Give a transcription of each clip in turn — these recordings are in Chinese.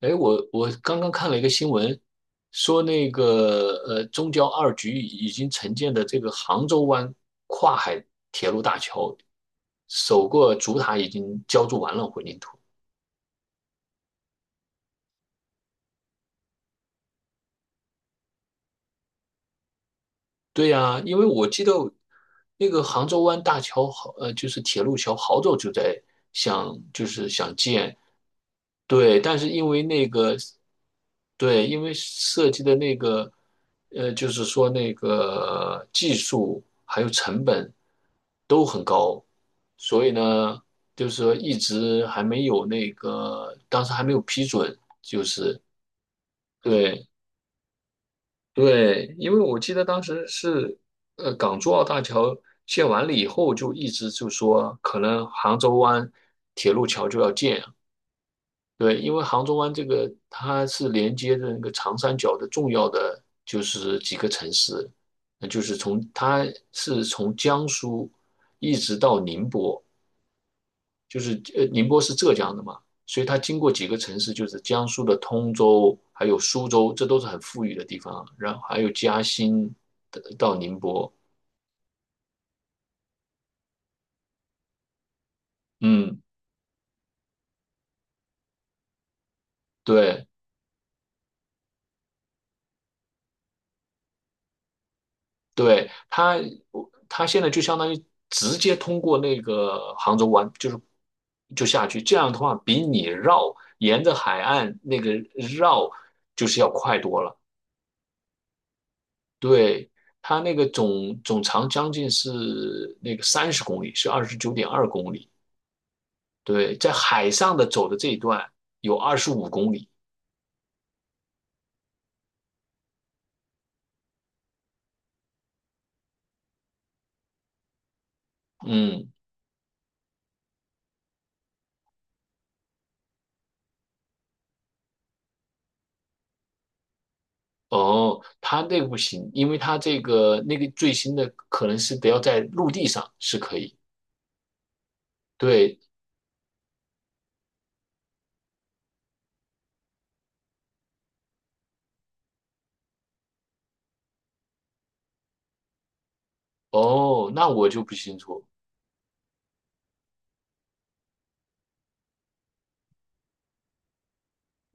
哎，我刚刚看了一个新闻，说那个中交二局已经承建的这个杭州湾跨海铁路大桥，首个主塔已经浇筑完了混凝土。对呀，因为我记得那个杭州湾大桥好，就是铁路桥，好早就在想，就是想建，对，但是因为那个，对，因为设计的那个，就是说那个技术还有成本都很高，所以呢，就是说一直还没有那个，当时还没有批准。对对，因为我记得当时是，港珠澳大桥建完了以后，就一直就说可能杭州湾铁路桥就要建，对，因为杭州湾这个它是连接着那个长三角的重要的就是几个城市，那就是从它是从江苏一直到宁波，就是宁波是浙江的嘛，所以它经过几个城市，就是江苏的通州，还有苏州，这都是很富裕的地方，然后还有嘉兴到宁波，嗯，对。对，它现在就相当于直接通过那个杭州湾，就是就下去。这样的话，比你绕沿着海岸那个绕就是要快多了。对，它那个总长将近是那个30公里，是29.2公里。对，在海上的走的这一段有25公里。嗯，哦，它那个不行，因为它这个那个最新的可能是得要在陆地上是可以。对，哦，那我就不清楚。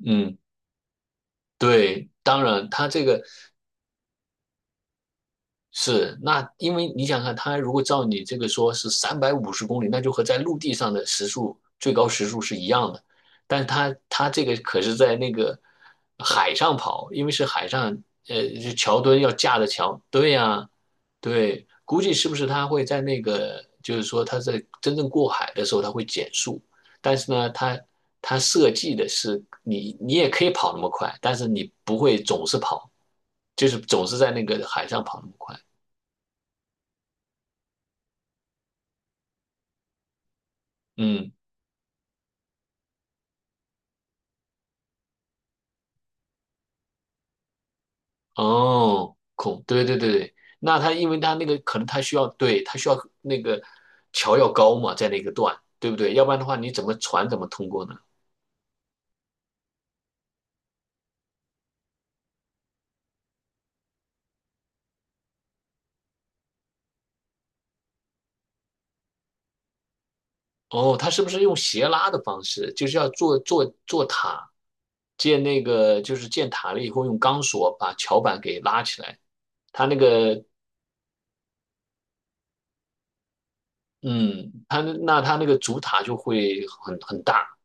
嗯，对，当然，他这个是，那因为你想看，它如果照你这个说是350公里，那就和在陆地上的时速最高时速是一样的，但是它这个可是在那个海上跑，因为是海上，是桥墩要架着桥，对呀，对，估计是不是它会在那个，就是说它在真正过海的时候它会减速，但是呢，它它设计的是你也可以跑那么快，但是你不会总是跑，就是总是在那个海上跑那么快。嗯，哦，孔，对对对对，那他因为他那个可能他需要，对，他需要那个桥要高嘛，在那个段，对不对？要不然的话，你怎么船怎么通过呢？哦，他是不是用斜拉的方式，就是要做塔，建那个就是建塔了以后，用钢索把桥板给拉起来，他那个，嗯，他那个主塔就会很很大，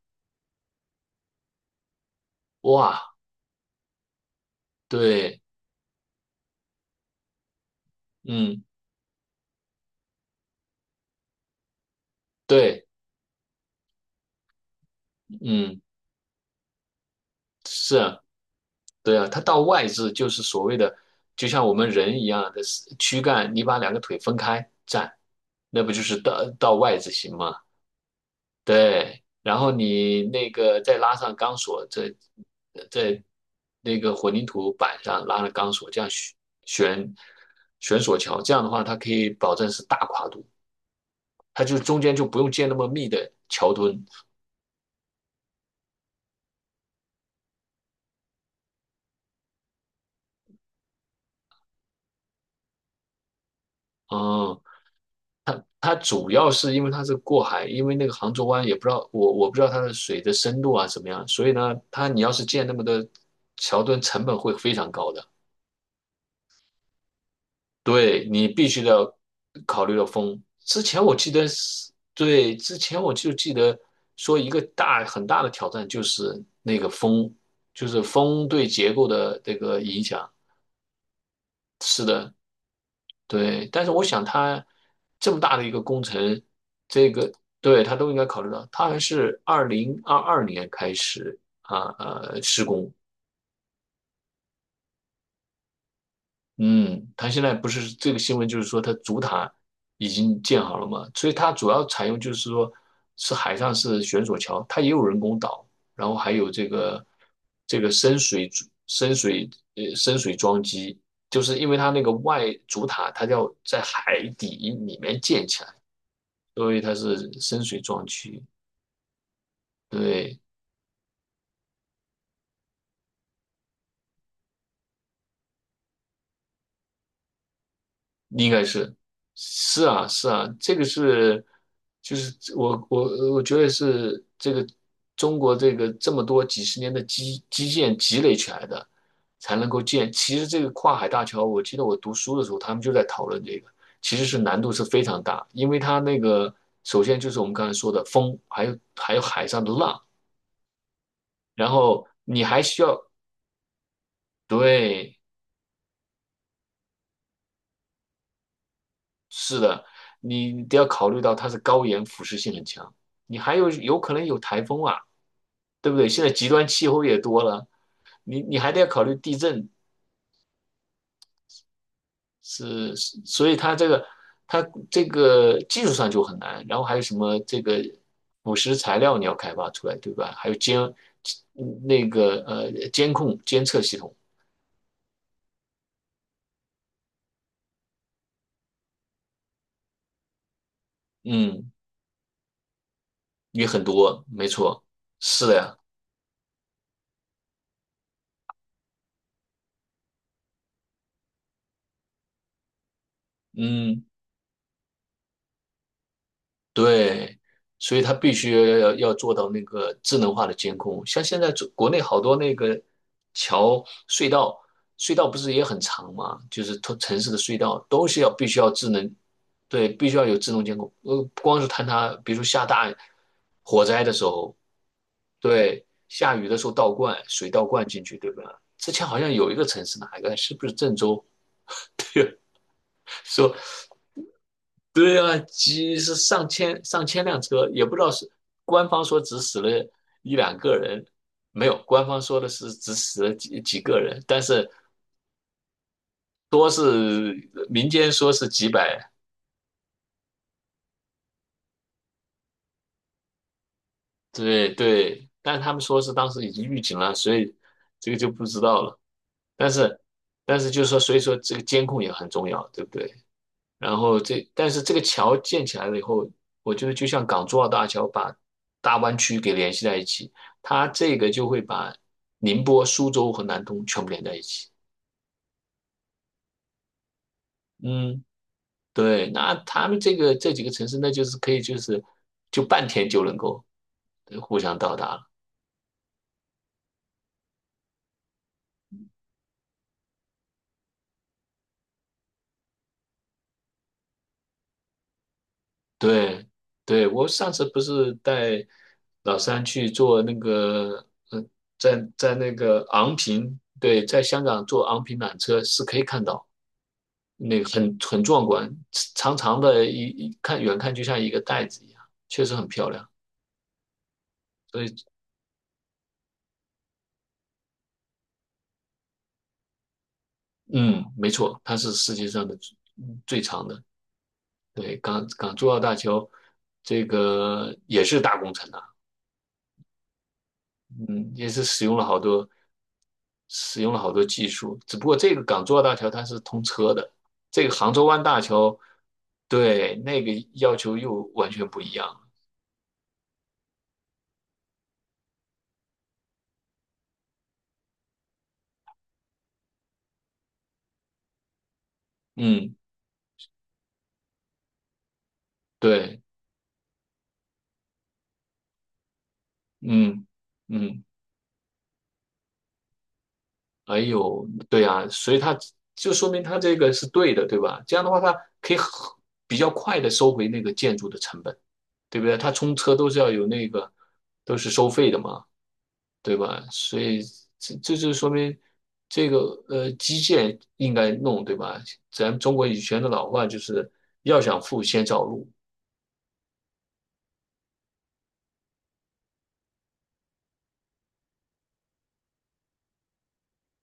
哇，对，嗯，对，嗯。是，对啊，它到外置就是所谓的，就像我们人一样的躯干，你把两个腿分开站，那不就是到外置型吗？对，然后你那个再拉上钢索，在在那个混凝土板上拉了钢索，这样悬悬索桥，这样的话它可以保证是大跨度，它就中间就不用建那么密的桥墩。嗯，它主要是因为它是过海，因为那个杭州湾也不知道我不知道它的水的深度啊怎么样，所以呢，它你要是建那么多桥墩，成本会非常高的。对你必须得考虑到风。之前我记得是，对，之前我就记得说一个大很大的挑战就是那个风，就是风对结构的这个影响。是的，对，但是我想他这么大的一个工程，这个对他都应该考虑到。他还是2022年开始施工，嗯，他现在不是这个新闻就是说他主塔已经建好了嘛，所以它主要采用就是说是海上是悬索桥，它也有人工岛，然后还有这个这个深水深水深水桩基，就是因为它那个外主塔它要在海底里面建起来。所以它是深水壮区，对，应该是，是啊，是啊，这个是，就是我觉得是这个中国这个这么多几十年的基建积累起来的，才能够建。其实这个跨海大桥，我记得我读书的时候，他们就在讨论这个，其实是难度是非常大，因为它那个首先就是我们刚才说的风，还有还有海上的浪，然后你还需要对。是的，你得要考虑到它是高盐、腐蚀性很强，你还有有可能有台风啊，对不对？现在极端气候也多了，你还得要考虑地震是所以它这个它这个技术上就很难，然后还有什么这个腐蚀材料你要开发出来，对吧？还有监嗯那个呃监控监测系统，嗯，也很多，没错，是的呀，嗯。对，所以它必须要要做到那个智能化的监控。像现在中国内好多那个桥、隧道，隧道不是也很长吗？就是城市的隧道都是要必须要智能，对，必须要有自动监控。不光是坍塌，比如说下大火灾的时候，对，下雨的时候倒灌水倒灌进去，对吧？之前好像有一个城市哪一个，是不是郑州？对，说对啊，几是上千上千辆车，也不知道是官方说只死了一两个人，没有，官方说的是只死了几个人，但是多是民间说是几百，对对，但他们说是当时已经预警了，所以这个就不知道了。但是但是就是说，所以说这个监控也很重要，对不对？然后这，但是这个桥建起来了以后，我觉得就像港珠澳大桥把大湾区给联系在一起，它这个就会把宁波、苏州和南通全部连在一起。嗯，对，那他们这个这几个城市，那就是可以就是就半天就能够互相到达了。对，对，我上次不是带老三去做那个，嗯、在在那个昂坪，对，在香港坐昂坪缆车是可以看到。那个很很壮观，长长的一看远看就像一个袋子一样，确实很漂亮。所以，嗯，没错，它是世界上的最长的。对，港珠澳大桥这个也是大工程啊，嗯，也是使用了好多技术。只不过这个港珠澳大桥它是通车的，这个杭州湾大桥对那个要求又完全不一样了嗯，对，嗯嗯。哎呦，对啊，所以他就说明他这个是对的，对吧？这样的话，他可以很比较快的收回那个建筑的成本，对不对？他冲车都是要有那个，都是收费的嘛，对吧？所以这这就说明这个基建应该弄，对吧？咱们中国以前的老话就是要想富先造路，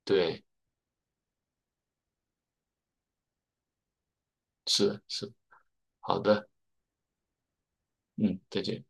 对，是是，好的，嗯，再见。